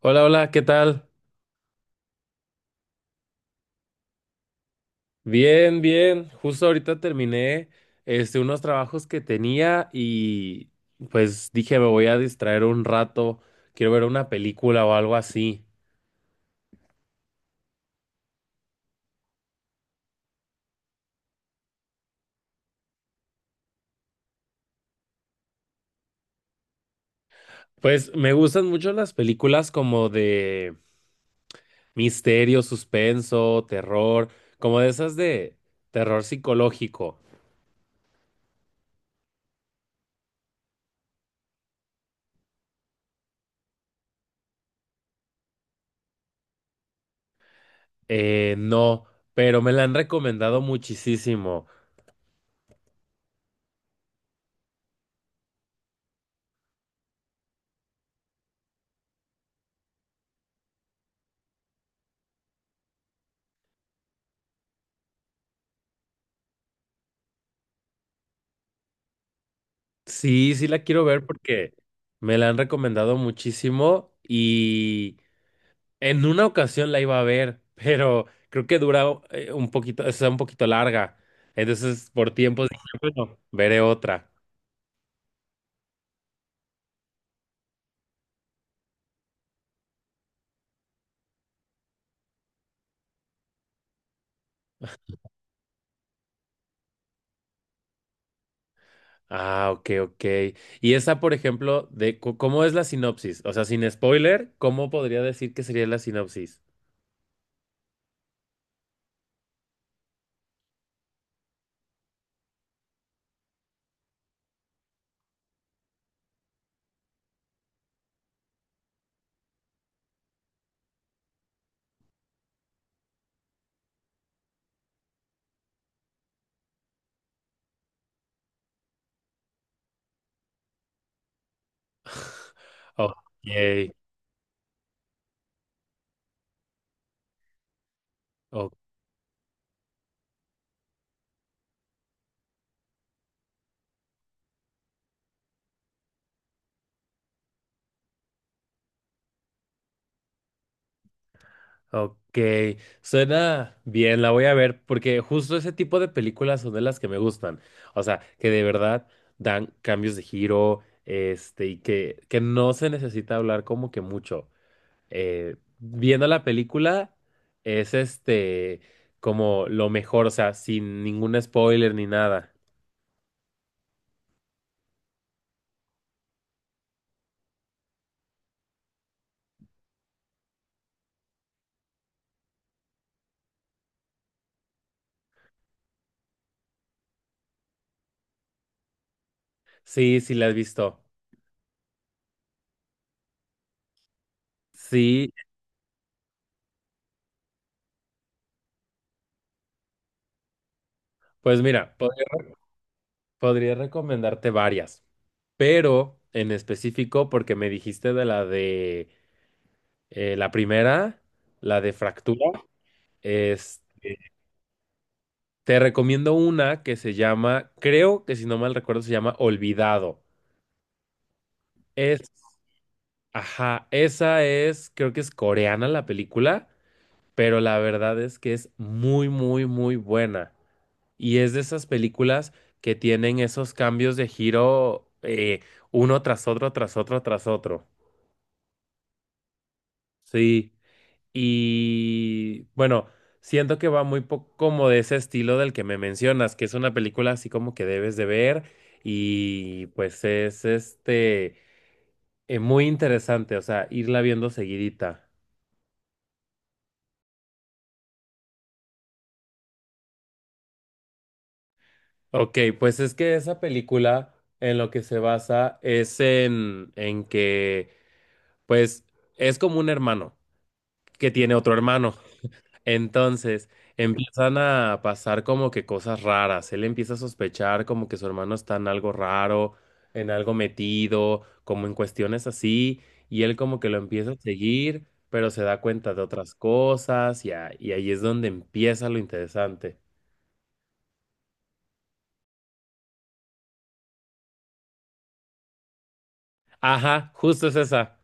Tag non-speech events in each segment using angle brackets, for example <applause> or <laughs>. Hola, hola, ¿qué tal? Bien, bien. Justo ahorita terminé unos trabajos que tenía y pues dije me voy a distraer un rato, quiero ver una película o algo así. Pues me gustan mucho las películas como de misterio, suspenso, terror, como de esas de terror psicológico. No, pero me la han recomendado muchísimo. Sí, sí la quiero ver porque me la han recomendado muchísimo y en una ocasión la iba a ver, <laughs> pero creo que dura un poquito, es un poquito larga. Entonces, por tiempos dije, bueno, veré otra. Ah, ok, ok. Y esa, por ejemplo, cómo es la sinopsis, o sea, sin spoiler, ¿cómo podría decir que sería la sinopsis? <laughs> Ok, ok, suena bien, la voy a ver porque justo ese tipo de películas son de las que me gustan. O sea, que de verdad dan cambios de giro, y que, no se necesita hablar como que mucho. Viendo la película es como lo mejor, o sea, sin ningún spoiler ni nada. Sí, sí la has visto. Sí, pues mira, podría recomendarte varias, pero en específico porque me dijiste de la primera, la de fractura, es, te recomiendo una que se llama, creo que si no mal recuerdo, se llama Olvidado. Es, ajá, esa es, creo que es coreana la película, pero la verdad es que es muy, muy, muy buena. Y es de esas películas que tienen esos cambios de giro uno tras otro, tras otro, tras otro. Sí. Y bueno, siento que va muy poco como de ese estilo del que me mencionas, que es una película así como que debes de ver y pues es muy interesante, o sea, irla viendo seguidita. Ok, pues es que esa película en lo que se basa es en que pues es como un hermano que tiene otro hermano. Entonces empiezan a pasar como que cosas raras. Él empieza a sospechar como que su hermano está en algo raro, en algo metido, como en cuestiones así. Y él como que lo empieza a seguir, pero se da cuenta de otras cosas y ahí es donde empieza lo interesante. Ajá, justo es esa.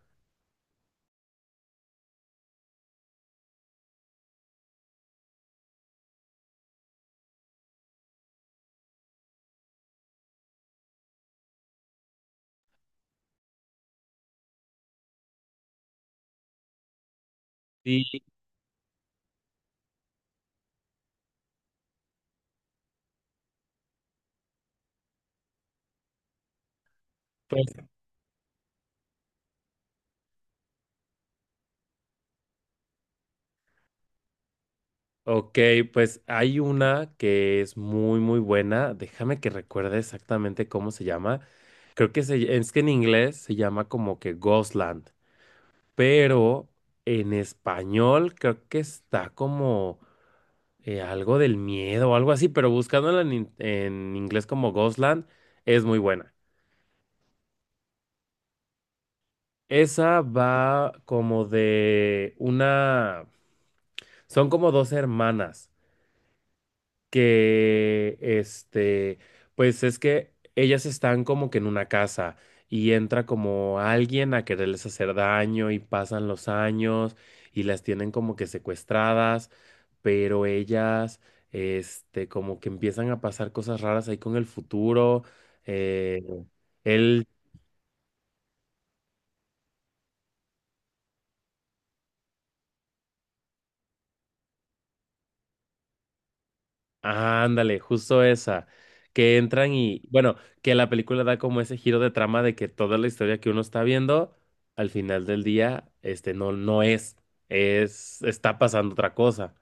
Y pues ok, pues hay una que es muy, muy buena. Déjame que recuerde exactamente cómo se llama. Creo que es que en inglés se llama como que Ghostland, pero en español creo que está como algo del miedo o algo así, pero buscándola en inglés como Ghostland es muy buena. Esa va como de una... Son como dos hermanas que este, pues es que ellas están como que en una casa y entra como alguien a quererles hacer daño y pasan los años y las tienen como que secuestradas, pero ellas como que empiezan a pasar cosas raras ahí con el futuro. Eh, él Ah, ándale, justo esa, que entran y, bueno, que la película da como ese giro de trama de que toda la historia que uno está viendo, al final del día, no es, está pasando otra cosa.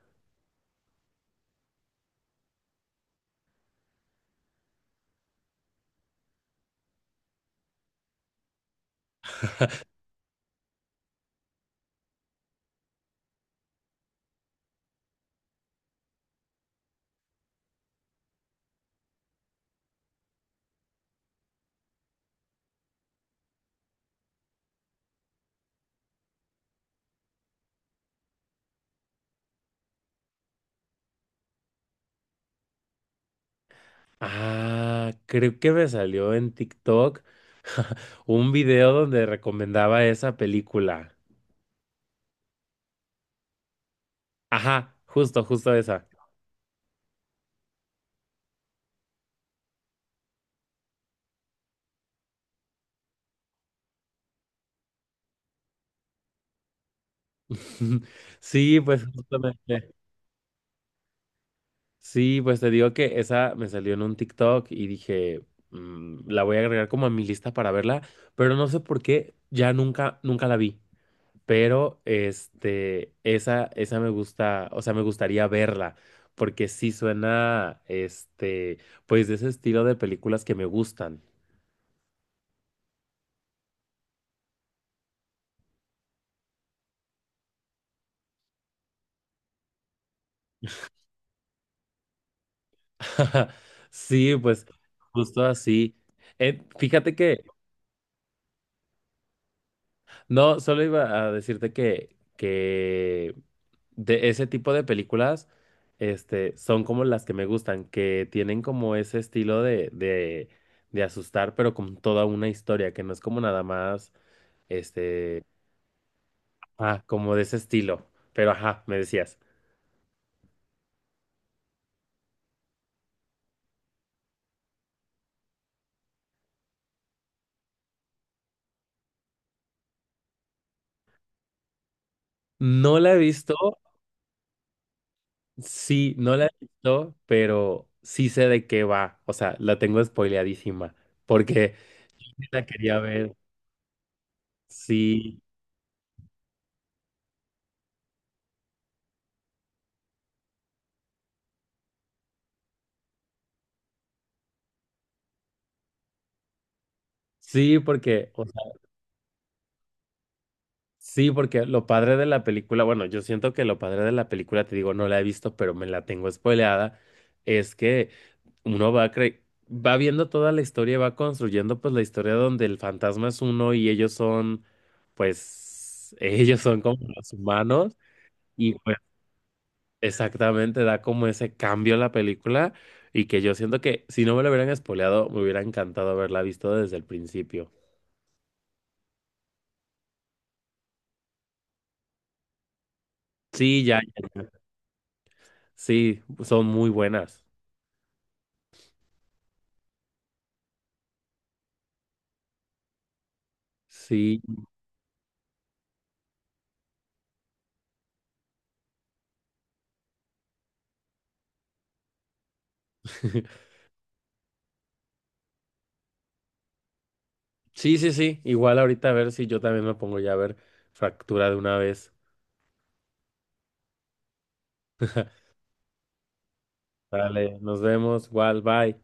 Ah, creo que me salió en TikTok un video donde recomendaba esa película. Ajá, justo, justo esa. <laughs> Sí, pues justamente. Sí, pues te digo que esa me salió en un TikTok y dije, "Mm, la voy a agregar como a mi lista para verla, pero no sé por qué, ya nunca, nunca la vi. Pero esa me gusta, o sea, me gustaría verla, porque sí suena, pues de ese estilo de películas que me gustan. <laughs> Sí, pues justo así. Fíjate que No, solo iba a decirte que de ese tipo de películas, son como las que me gustan, que tienen como ese estilo de asustar, pero con toda una historia, que no es como nada más, este, como de ese estilo. Pero ajá, me decías. No la he visto, sí, no la he visto, pero sí sé de qué va. O sea, la tengo spoileadísima, porque <laughs> sí la quería ver, sí. Sí, porque, o sí, porque lo padre de la película, bueno, yo siento que lo padre de la película, te digo, no la he visto, pero me la tengo spoileada, es que uno va cre- va viendo toda la historia, y va construyendo pues la historia donde el fantasma es uno y ellos son, pues, <laughs> ellos son como los humanos y pues exactamente da como ese cambio a la película y que yo siento que si no me lo hubieran spoileado, me hubiera encantado haberla visto desde el principio. Sí, ya, sí, son muy buenas. Sí. <laughs> Sí, sí, sí. Igual ahorita a ver si yo también me pongo ya a ver fractura de una vez. <laughs> Dale, nos vemos. Igual, bye.